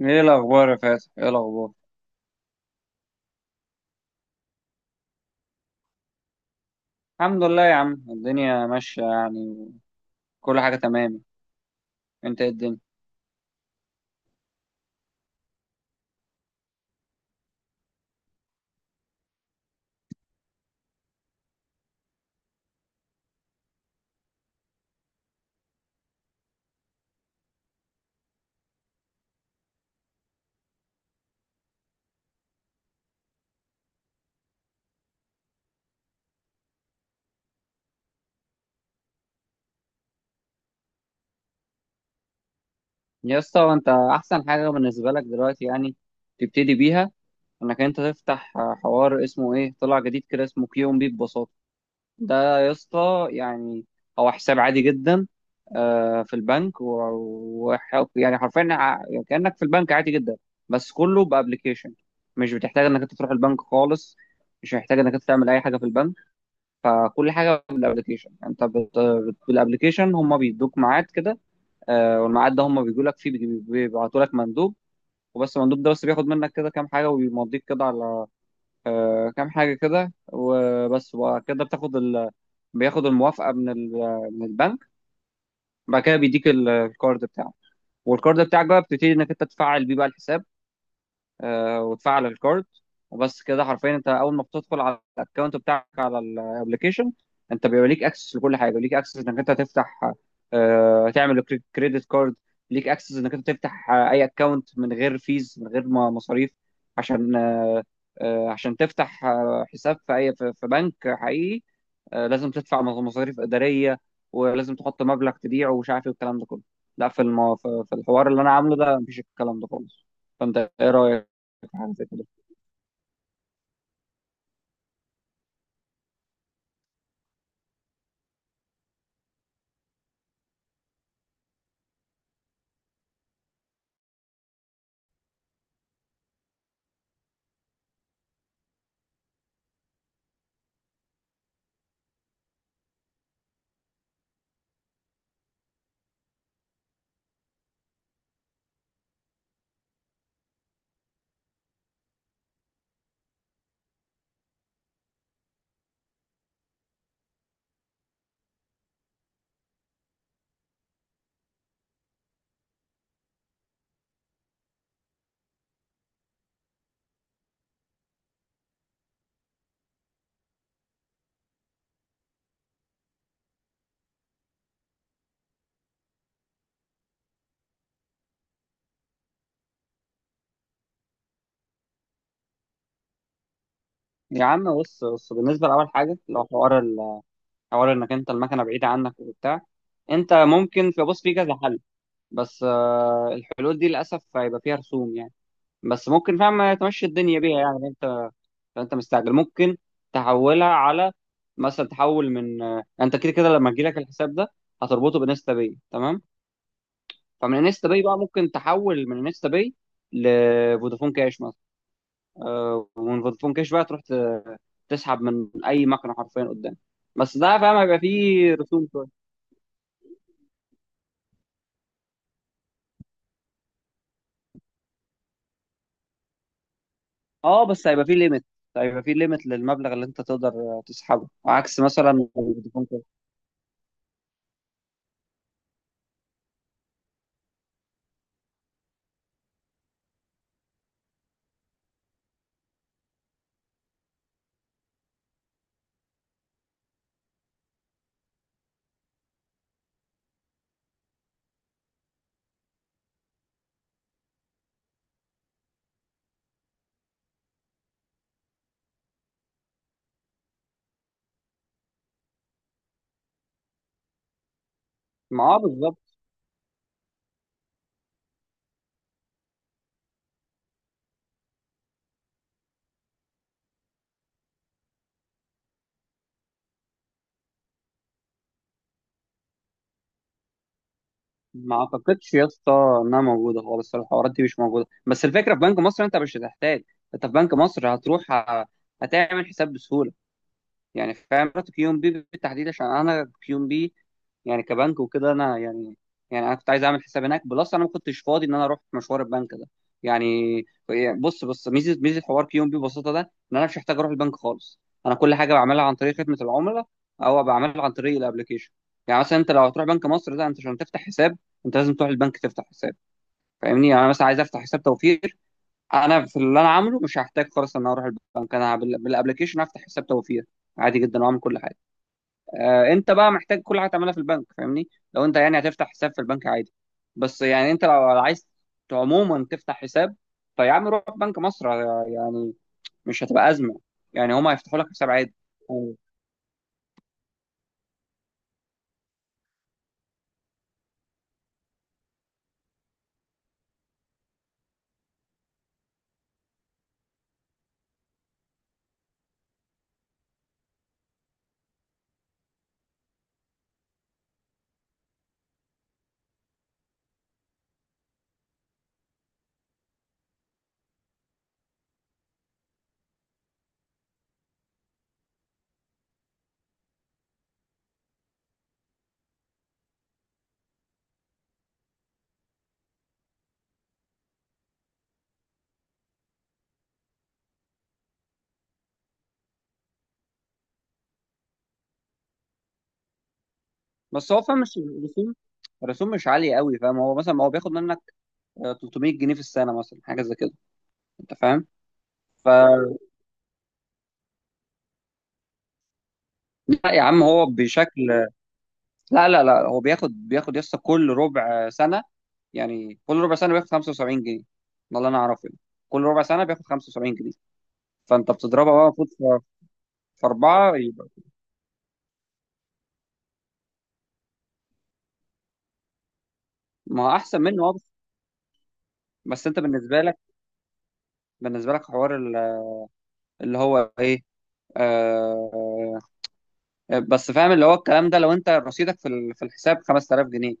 ايه الاخبار يا فاتح، ايه الاخبار؟ الحمد لله يا عم، الدنيا ماشيه يعني. كل حاجه تمام. انت إيه الدنيا؟ يا اسطى، انت احسن حاجه بالنسبه لك دلوقتي يعني تبتدي بيها انك انت تفتح حوار اسمه ايه، طلع جديد كده، اسمه كيون بي ببساطه. ده يا اسطى يعني هو حساب عادي جدا، في البنك و... يعني حرفيا كانك في البنك عادي جدا، بس كله بابلكيشن. مش بتحتاج انك انت تروح البنك خالص، مش محتاج انك انت تعمل اي حاجه في البنك. فكل حاجه بالابلكيشن. انت بالابلكيشن هم بيدوك ميعاد كده، والميعاد ده هم بيجوا لك فيه، بيبعتوا لك مندوب، وبس. المندوب ده بس بياخد منك كده كام حاجه، وبيمضيك كده على كام حاجه كده وبس. وبعد كده بتاخد بياخد الموافقه من من البنك. بعد كده بيديك الكارد بتاعه، والكارد بتاعك بقى بتبتدي انك انت تفعل بيه بقى الحساب، وتفعل الكارد وبس كده. حرفيا انت اول ما بتدخل على الاكونت بتاعك على الابلكيشن، انت بيبقى ليك اكسس لكل حاجه. ليك اكسس انك انت تفتح، تعمل كريدت كارد. ليك اكسس انك انت تفتح اي اكونت من غير فيز، من غير مصاريف. عشان عشان تفتح حساب في اي في بنك حقيقي، لازم تدفع مصاريف اداريه، ولازم تحط مبلغ تبيعه ومش عارف ايه والكلام ده كله. لا، في الحوار اللي انا عامله ده مفيش الكلام ده خالص. فانت ايه رايك في حاجه زي كده؟ يا عم بص بص، بالنسبه لاول حاجه لو حوار حوار انك انت المكنه بعيده عنك وبتاع، انت ممكن بص، في كذا حل، بس الحلول دي للاسف هيبقى فيها رسوم يعني، بس ممكن فاهم تمشي الدنيا بيها يعني. فانت مستعجل، ممكن تحولها على، مثلا تحول من انت كده كده لما تجيلك الحساب ده هتربطه بانستا باي تمام. فمن انستا باي بقى ممكن تحول من انستا باي لفودافون كاش مثلا، ومن فودافون كاش بقى تروح تسحب من اي مكنه حرفيا قدام، بس ده فاهم هيبقى فيه رسوم شويه. اه، بس هيبقى فيه ليميت، للمبلغ اللي انت تقدر تسحبه عكس مثلا فودافون كاش. ما بالظبط. ما اعتقدش يا اسطى انها موجوده خالص، الحوارات دي مش موجوده. بس الفكره في بنك مصر انت مش هتحتاج. انت في بنك مصر هتروح، هتعمل حساب بسهوله. يعني فاهم، رحت كيو ام بي بالتحديد عشان انا كيو ام بي يعني كبنك وكده، انا يعني يعني انا كنت عايز اعمل حساب هناك بلس انا ما كنتش فاضي ان انا اروح مشوار البنك ده يعني. يعني بص بص، ميزه حوار كيون بي ببساطه ده ان انا مش محتاج اروح البنك خالص. انا كل حاجه بعملها عن طريق خدمه العملاء، او بعملها عن طريق الابلكيشن. يعني مثلا انت لو هتروح بنك مصر ده، انت عشان تفتح حساب انت لازم تروح البنك تفتح حساب. فاهمني؟ يعني انا مثلا عايز افتح حساب توفير. انا في اللي انا عامله مش هحتاج خالص ان انا اروح البنك، انا بالابلكيشن افتح حساب توفير عادي جدا واعمل كل حاجه. انت بقى محتاج كل حاجه تعملها في البنك، فاهمني؟ لو انت يعني هتفتح حساب في البنك عادي، بس يعني انت لو عايز عموما تفتح حساب، فيا عم روح بنك مصر، يعني مش هتبقى ازمه. يعني هما هيفتحوا لك حساب عادي. آه، بس هو فاهم، مش الرسوم الرسوم مش عاليه قوي فاهم. هو مثلا هو بياخد منك 300 جنيه في السنه مثلا، حاجه زي كده، انت فاهم؟ ف لا يا عم، هو بشكل لا لا لا، هو بياخد يسطا كل ربع سنة. يعني كل ربع سنة بياخد 75 جنيه. ده اللي أنا أعرفه يعني. كل ربع سنة بياخد 75 جنيه. فأنت بتضربها بقى المفروض في أربعة، يبقى ما هو أحسن منه. بس، بس أنت بالنسبة لك، حوار اللي هو إيه، آه بس فاهم اللي هو الكلام ده، لو أنت رصيدك في في الحساب 5000 جنيه،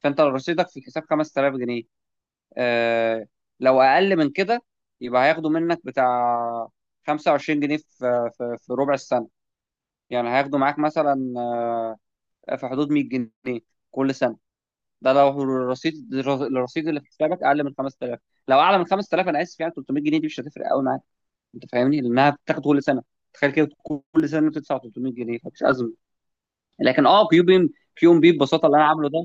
فأنت لو رصيدك في الحساب 5000 جنيه، آه، لو اقل من كده يبقى هياخدوا منك بتاع 25 جنيه في ربع السنه. يعني هياخدوا معاك مثلا في حدود 100 جنيه كل سنه. ده لو الرصيد اللي في حسابك اقل من 5000. لو اعلى من 5000، انا اسف يعني 300 جنيه دي مش هتفرق قوي معاك، انت فاهمني، لانها بتاخد كل سنه. تخيل كده، كل سنه بتدفع 300 جنيه، فمش ازمه. لكن كيو ام بي ببساطه اللي انا عامله ده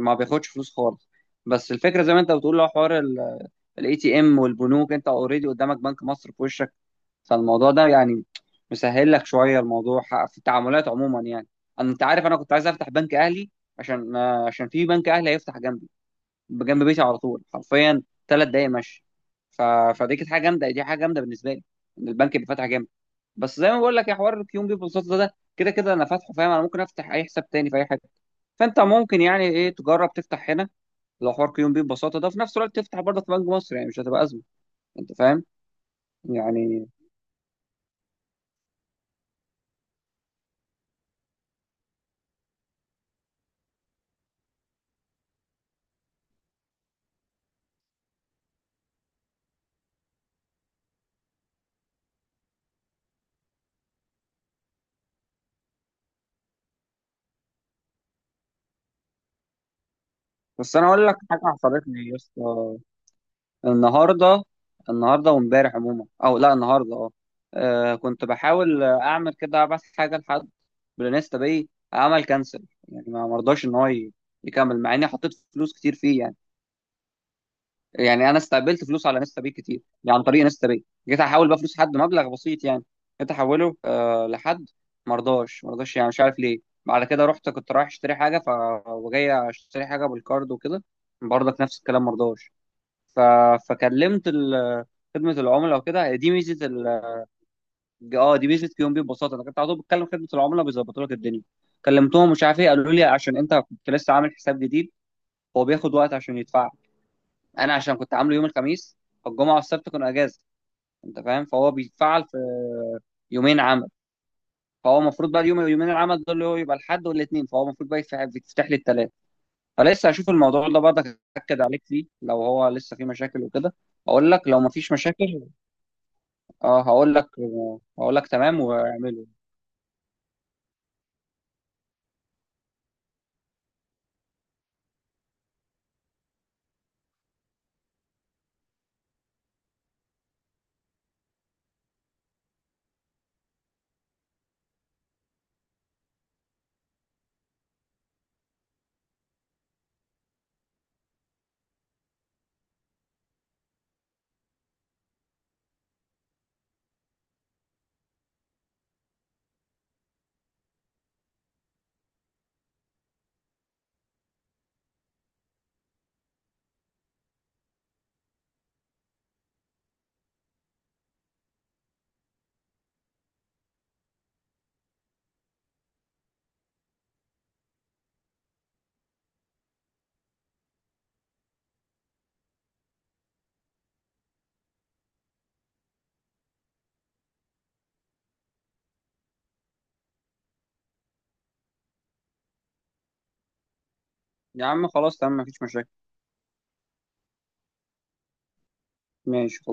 ما بياخدش فلوس خالص. بس الفكره زي ما انت بتقول لو حوار الاي تي ام والبنوك، انت اوريدي قدامك بنك مصر في وشك. فالموضوع ده يعني مسهل لك شويه الموضوع في التعاملات عموما يعني. انت عارف انا كنت عايز افتح بنك اهلي عشان في بنك اهلي هيفتح جنبي، جنب بيتي على طول حرفيا، 3 دقايق مشي. ف... فدي كانت حاجه جامده، دي حاجه جامده بالنسبه لي ان البنك يبقى فاتح جنبي. بس زي ما بقول لك، يا حوار الكيون بيبول سوت ده كده كده انا فاتحه فاهم. انا ممكن افتح اي حساب تاني في اي حاجه. فانت ممكن يعني ايه تجرب تفتح هنا لو حوار كيون بي ببساطه ده، في نفس الوقت تفتح برضه في بنك مصر، يعني مش هتبقى ازمه، انت فاهم؟ يعني بس انا اقول لك حاجه حصلت لي يا اسطى النهارده. وامبارح عموما، او لا النهارده، كنت بحاول اعمل كده ابعت حاجه لحد بالانستا باي، عمل كانسل يعني، ما مرضاش ان هو يكمل مع اني حطيت فلوس كتير فيه يعني. يعني انا استقبلت فلوس على انستا باي كتير، يعني عن طريق انستا باي. جيت احول بقى فلوس حد مبلغ بسيط يعني، جيت احوله لحد، مرضاش، يعني مش عارف ليه. بعد كده رحت، كنت رايح اشتري حاجه وجاي اشتري حاجه بالكارد وكده، برضك نفس الكلام مرضاش. ف... فكلمت خدمه العملاء وكده. دي ميزه اه، دي ميزه كيوم بي ببساطه. انا كنت على طول بتكلم خدمه العملاء بيظبطوا لك الدنيا. كلمتهم، مش عارف ايه، قالوا لي عشان انت كنت لسه عامل حساب جديد هو بياخد وقت عشان يدفع. انا عشان كنت عامله يوم الخميس، فالجمعه والسبت كانوا اجازه، انت فاهم، فهو بيتفعل في يومين عمل. فهو المفروض بقى اليوم، يومين العمل دول اللي هو يبقى الحد والاثنين، فهو المفروض بقى يتفتح، لي الثلاث. فلسه هشوف الموضوع ده، برضك اتاكد عليك فيه لو هو لسه فيه مشاكل وكده اقول لك. لو مفيش مشاكل اه هقول لك، تمام، واعمله. يا عم خلاص، تمام، مفيش مشاكل، ماشي.